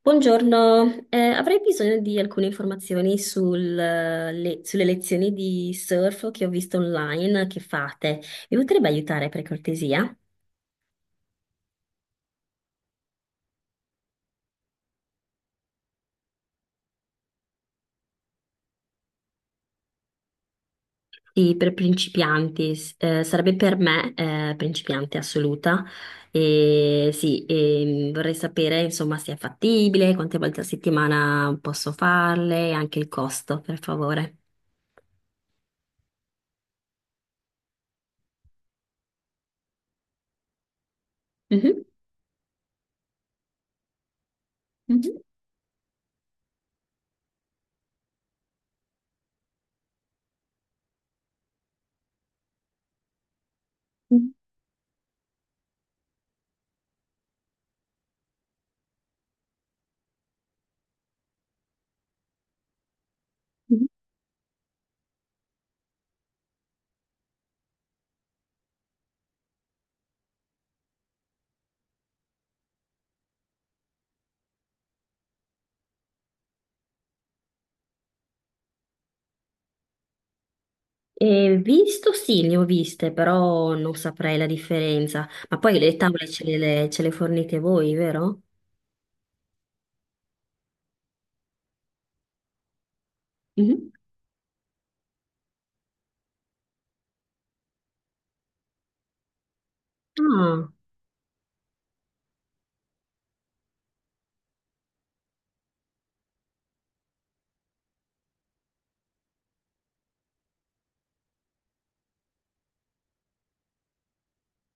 Buongiorno, avrei bisogno di alcune informazioni sulle lezioni di surf che ho visto online che fate. Mi potrebbe aiutare per cortesia? Sì, per principianti, sarebbe per me principiante assoluta. E sì, vorrei sapere insomma se è fattibile, quante volte a settimana posso farle e anche il costo, per favore. Mhm. Mhm. E visto, sì, le ho viste, però non saprei la differenza. Ma poi le tavole ce le fornite voi, vero? Mhm. Ah,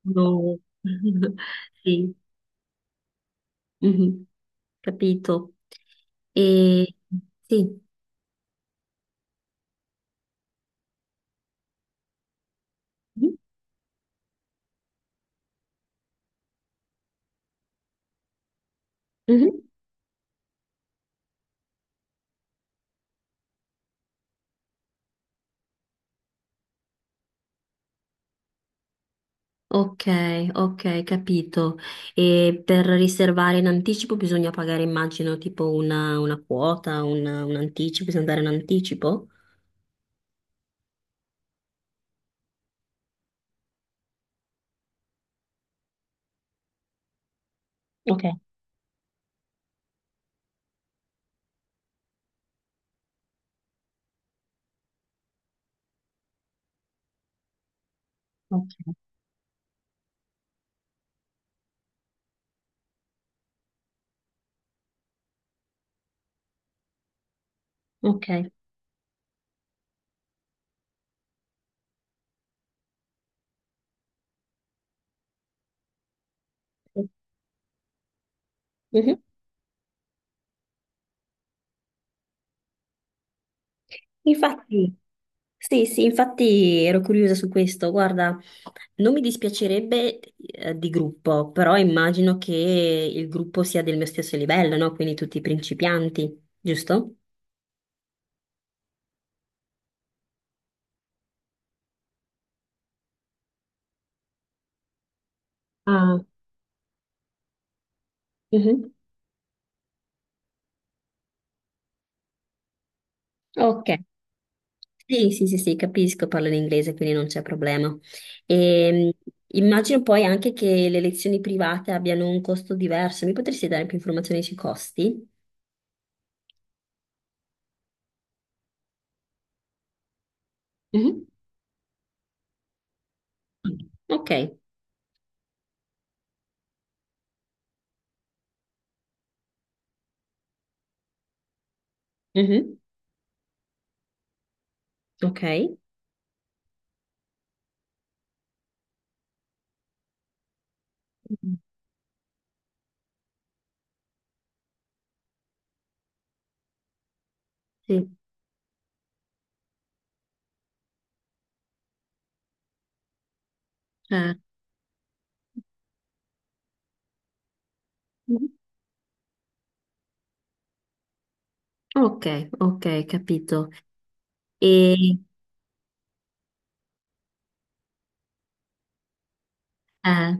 no. Sì, mhm, capito. E sì. Mhm. Mhm. Ok, ok, capito. E per riservare in anticipo bisogna pagare, immagino, tipo una quota, un anticipo, bisogna dare un anticipo? Ok, ok. Ok. Mhm. Infatti. Sì, sì, infatti ero curiosa su questo. Guarda, non mi dispiacerebbe di gruppo, però immagino che il gruppo sia del mio stesso livello, no? Quindi tutti principianti, giusto? Ah, mhm. Ok. Sì, sì, sì, sì, capisco, parlo in inglese, quindi non c'è problema. E, immagino poi anche che le lezioni private abbiano un costo diverso. Mi potresti dare più informazioni sui costi? Mhm. Ok. Mhm. Ok. Mm. Sì, certo. Ok, ok, capito. E eh,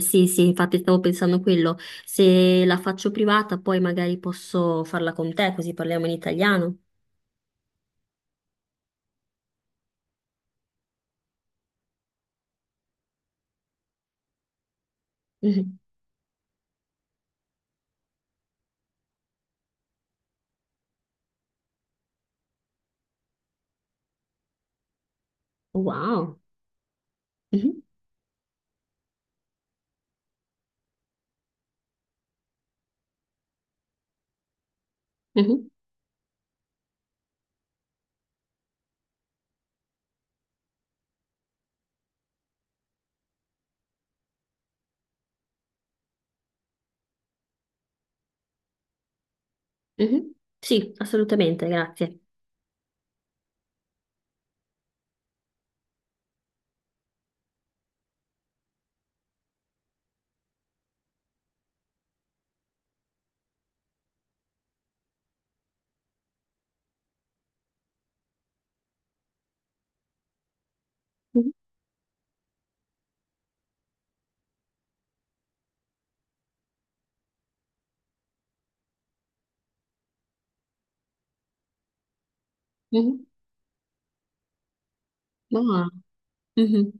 sì, sì, infatti stavo pensando quello. Se la faccio privata, poi magari posso farla con te, così parliamo in italiano. Mhm. Wow. Mhm, mhm, mhm. Sì, assolutamente, grazie. Mhm, mhm. Wow. Mhm.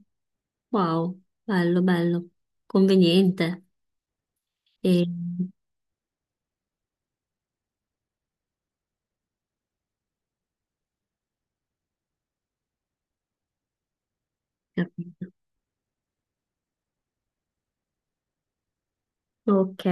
Wow, bello, bello. Conveniente. E... capito. Ok.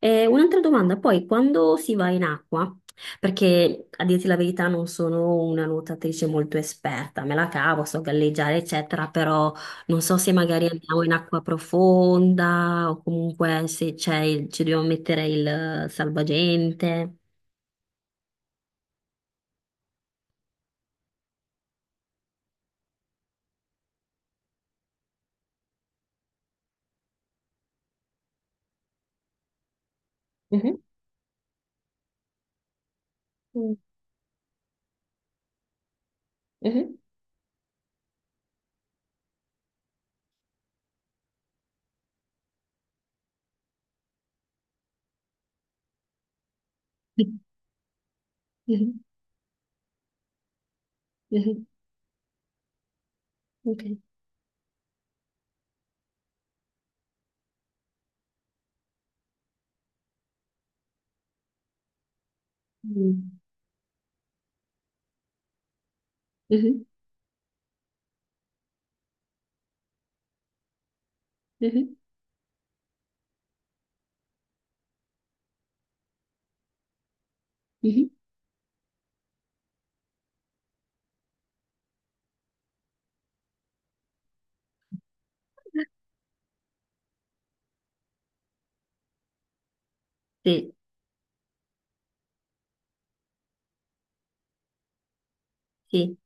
Un'altra domanda, poi quando si va in acqua, perché a dirti la verità non sono una nuotatrice molto esperta, me la cavo, so galleggiare eccetera, però non so se magari andiamo in acqua profonda o comunque se c'è il- ci dobbiamo mettere il salvagente. Mhm. Mm. Mhm. Mhm, mhm. Ok. Mm. Mhm, mhm, mhm. Sì, sì.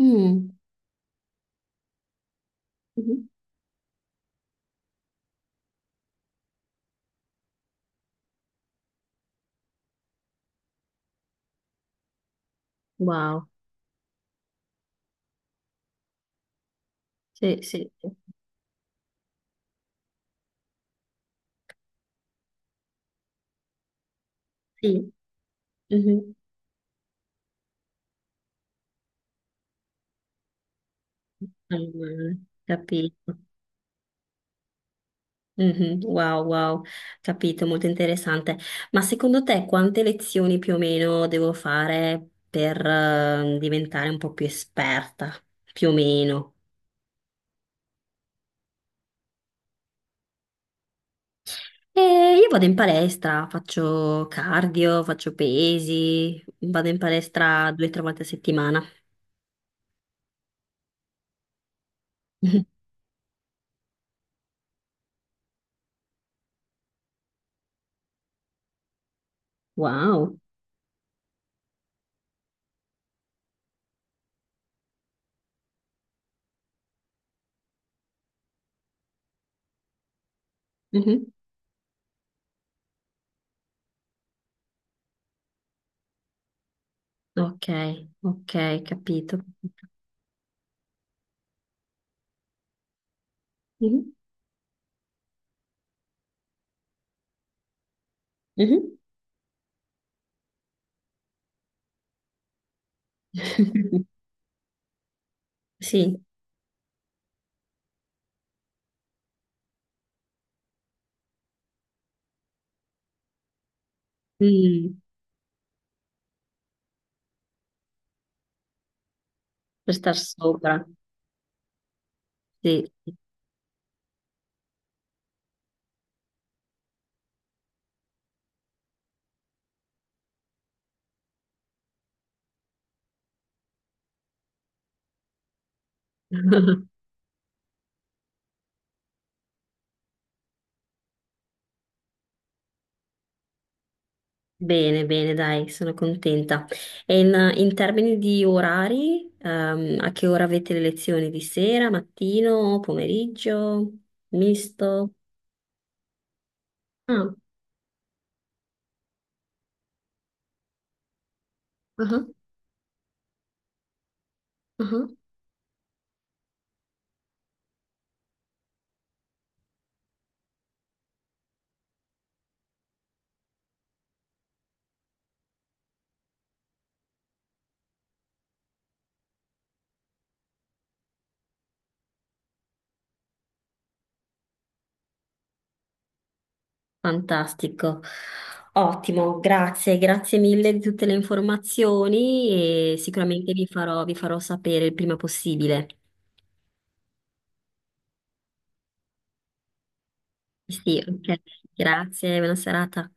Mm. Mhm. Wow, sì, sì, sì. Sì. Mhm. Allora, capito. Mhm, wow, wow, capito, molto interessante. Ma secondo te quante lezioni più o meno devo fare per diventare un po' più esperta? Più o meno. E io vado in palestra, faccio cardio, faccio pesi, vado in palestra 2 o 3 volte a settimana. Mhm. Wow. Mhm. Ok, ok, capito. Mhm, mhm. Sì. Mm, per star sopra. Sì. Bene, bene, dai, sono contenta. E in termini di orari, a che ora avete le lezioni? Di sera, mattino, pomeriggio, misto? Ah, ah, ah. Fantastico. Ottimo, grazie, grazie mille di tutte le informazioni e sicuramente vi farò sapere il prima possibile. Sì, ok. Grazie, buona serata.